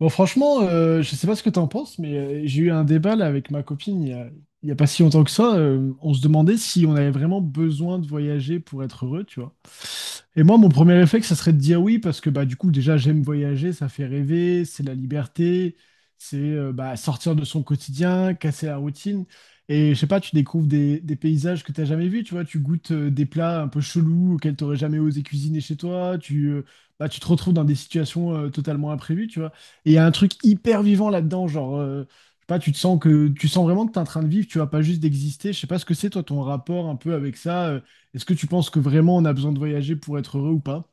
Bon, franchement, je sais pas ce que t'en penses, mais j'ai eu un débat là, avec ma copine il y a pas si longtemps que ça. On se demandait si on avait vraiment besoin de voyager pour être heureux, tu vois. Et moi, mon premier réflexe, ça serait de dire oui, parce que bah, du coup, déjà, j'aime voyager, ça fait rêver, c'est la liberté, c'est bah, sortir de son quotidien, casser la routine. Et je sais pas, tu découvres des paysages que tu n'as jamais vus, tu vois, tu goûtes des plats un peu chelous auxquels tu n'aurais jamais osé cuisiner chez toi, bah, tu te retrouves dans des situations totalement imprévues, tu vois. Et il y a un truc hyper vivant là-dedans, genre, je sais pas, tu sens vraiment que tu es en train de vivre, tu vois, pas juste d'exister. Je sais pas ce que c'est, toi, ton rapport un peu avec ça. Est-ce que tu penses que vraiment on a besoin de voyager pour être heureux ou pas?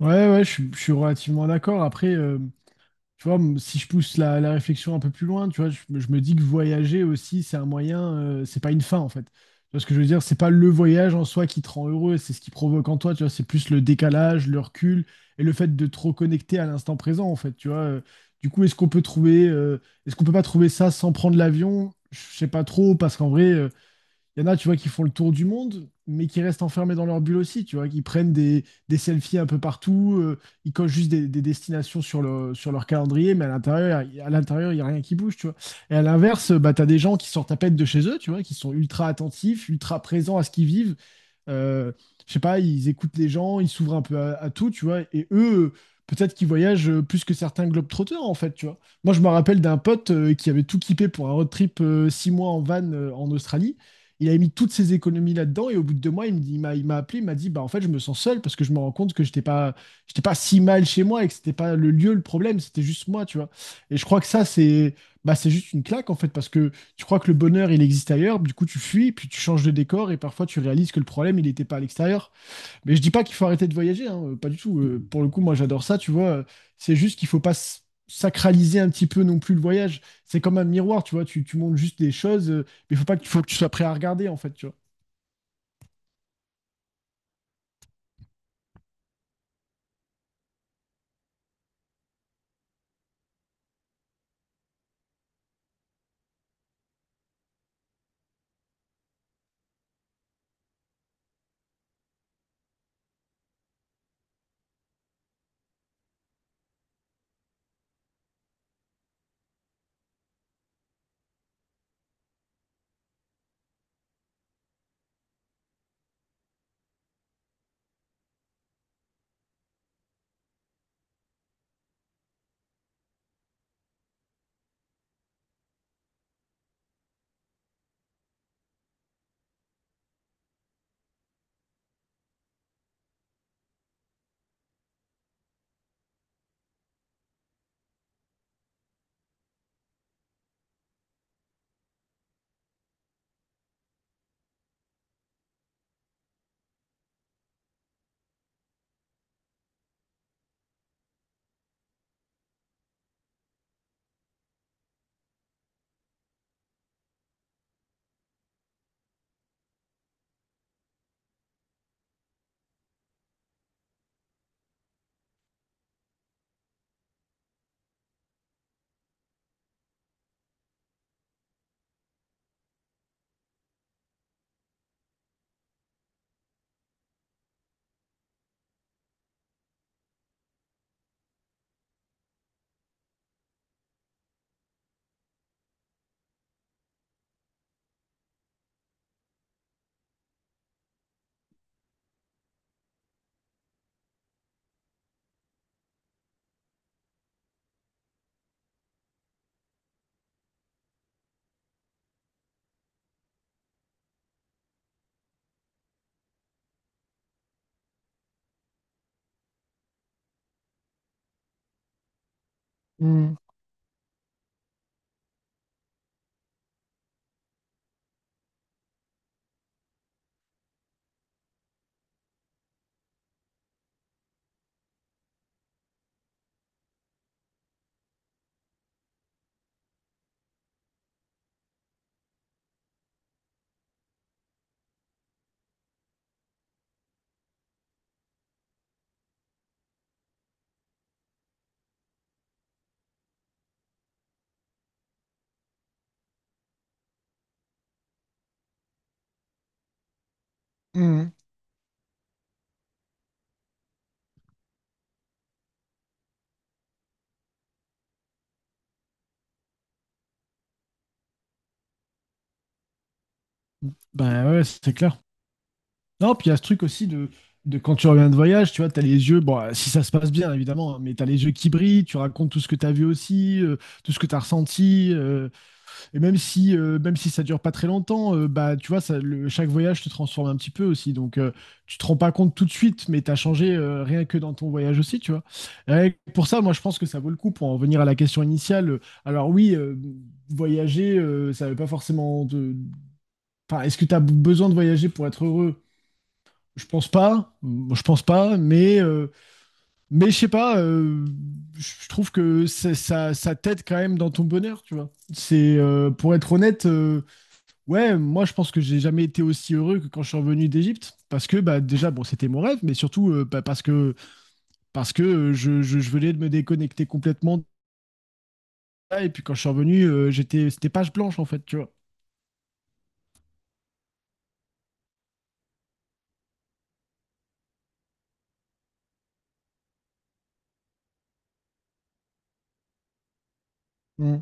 Ouais, ouais, je suis relativement d'accord. Après, tu vois, si je pousse la réflexion un peu plus loin, tu vois, je me dis que voyager aussi, c'est un moyen, c'est pas une fin en fait. Tu vois ce que je veux dire? C'est pas le voyage en soi qui te rend heureux, c'est ce qui provoque en toi, tu vois, c'est plus le décalage, le recul et le fait de te reconnecter à l'instant présent en fait, tu vois. Du coup, est-ce qu'on peut pas trouver ça sans prendre l'avion? Je sais pas trop, parce qu'en vrai, il y en a, tu vois, qui font le tour du monde, mais qui restent enfermés dans leur bulle aussi, tu vois, qui prennent des selfies un peu partout, ils cochent juste des destinations sur leur calendrier, mais à l'intérieur, à l'intérieur, il n'y a rien qui bouge, tu vois. Et à l'inverse, bah, tu as des gens qui sortent à peine de chez eux, tu vois, qui sont ultra attentifs, ultra présents à ce qu'ils vivent, euh, je sais pas, ils écoutent les gens, ils s'ouvrent un peu à tout, tu vois, et eux, peut-être qu'ils voyagent plus que certains globetrotters, en fait, tu vois. Moi, je me rappelle d'un pote qui avait tout kippé pour un road trip 6 mois en van en Australie. Il avait mis toutes ses économies là-dedans, et au bout de 2 mois, il me dit- il m'a appelé, il m'a dit, bah, en fait, je me sens seul parce que je me rends compte que j'étais pas si mal chez moi et que c'était pas le lieu le problème, c'était juste moi, tu vois. Et je crois que ça, bah, c'est juste une claque, en fait, parce que tu crois que le bonheur, il existe ailleurs, du coup tu fuis, puis tu changes de décor, et parfois tu réalises que le problème, il n'était pas à l'extérieur. Mais je dis pas qu'il faut arrêter de voyager, hein, pas du tout. Pour le coup, moi j'adore ça, tu vois. C'est juste qu'il faut pas sacraliser un petit peu non plus le voyage. C'est comme un miroir, tu vois, tu montres juste des choses, mais faut pas que, faut que tu sois prêt à regarder, en fait, tu vois. Mmh, mmh. Ben ouais, c'est clair. Non, puis il y a ce truc aussi de, quand tu reviens de voyage, tu vois, t'as les yeux, bon, si ça se passe bien évidemment, hein, mais t'as les yeux qui brillent, tu racontes tout ce que t'as vu aussi, tout ce que t'as ressenti. Et même si ça dure pas très longtemps, bah, tu vois, chaque voyage te transforme un petit peu aussi. Donc, tu te rends pas compte tout de suite, mais tu as changé rien que dans ton voyage aussi, tu vois. Et pour ça, moi, je pense que ça vaut le coup pour en revenir à la question initiale. Alors, oui, voyager, ça veut pas forcément de. Enfin, est-ce que tu as besoin de voyager pour être heureux? Je pense pas. Moi, je pense pas, mais je sais pas, je trouve que ça t'aide quand même dans ton bonheur, tu vois. Pour être honnête, ouais, moi je pense que j'ai jamais été aussi heureux que quand je suis revenu d'Égypte, parce que bah déjà bon c'était mon rêve, mais surtout bah, parce que je venais de me déconnecter complètement de ça, et puis quand je suis revenu j'étais c'était page blanche en fait, tu vois. Mm.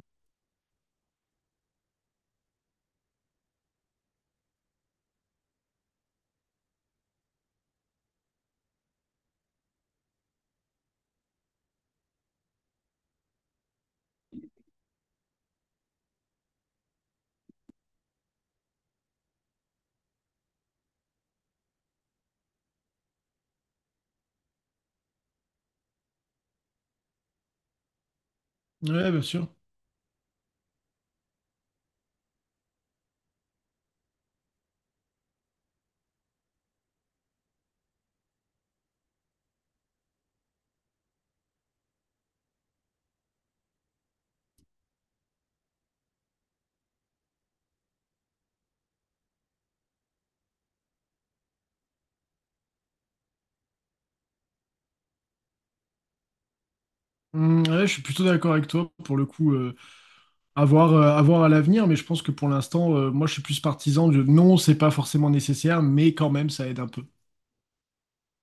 Ouais, bien sûr. Mm, ouais, je suis plutôt d'accord avec toi pour le coup. À voir à l'avenir, mais je pense que pour l'instant, moi je suis plus partisan de non, c'est pas forcément nécessaire, mais quand même ça aide un peu.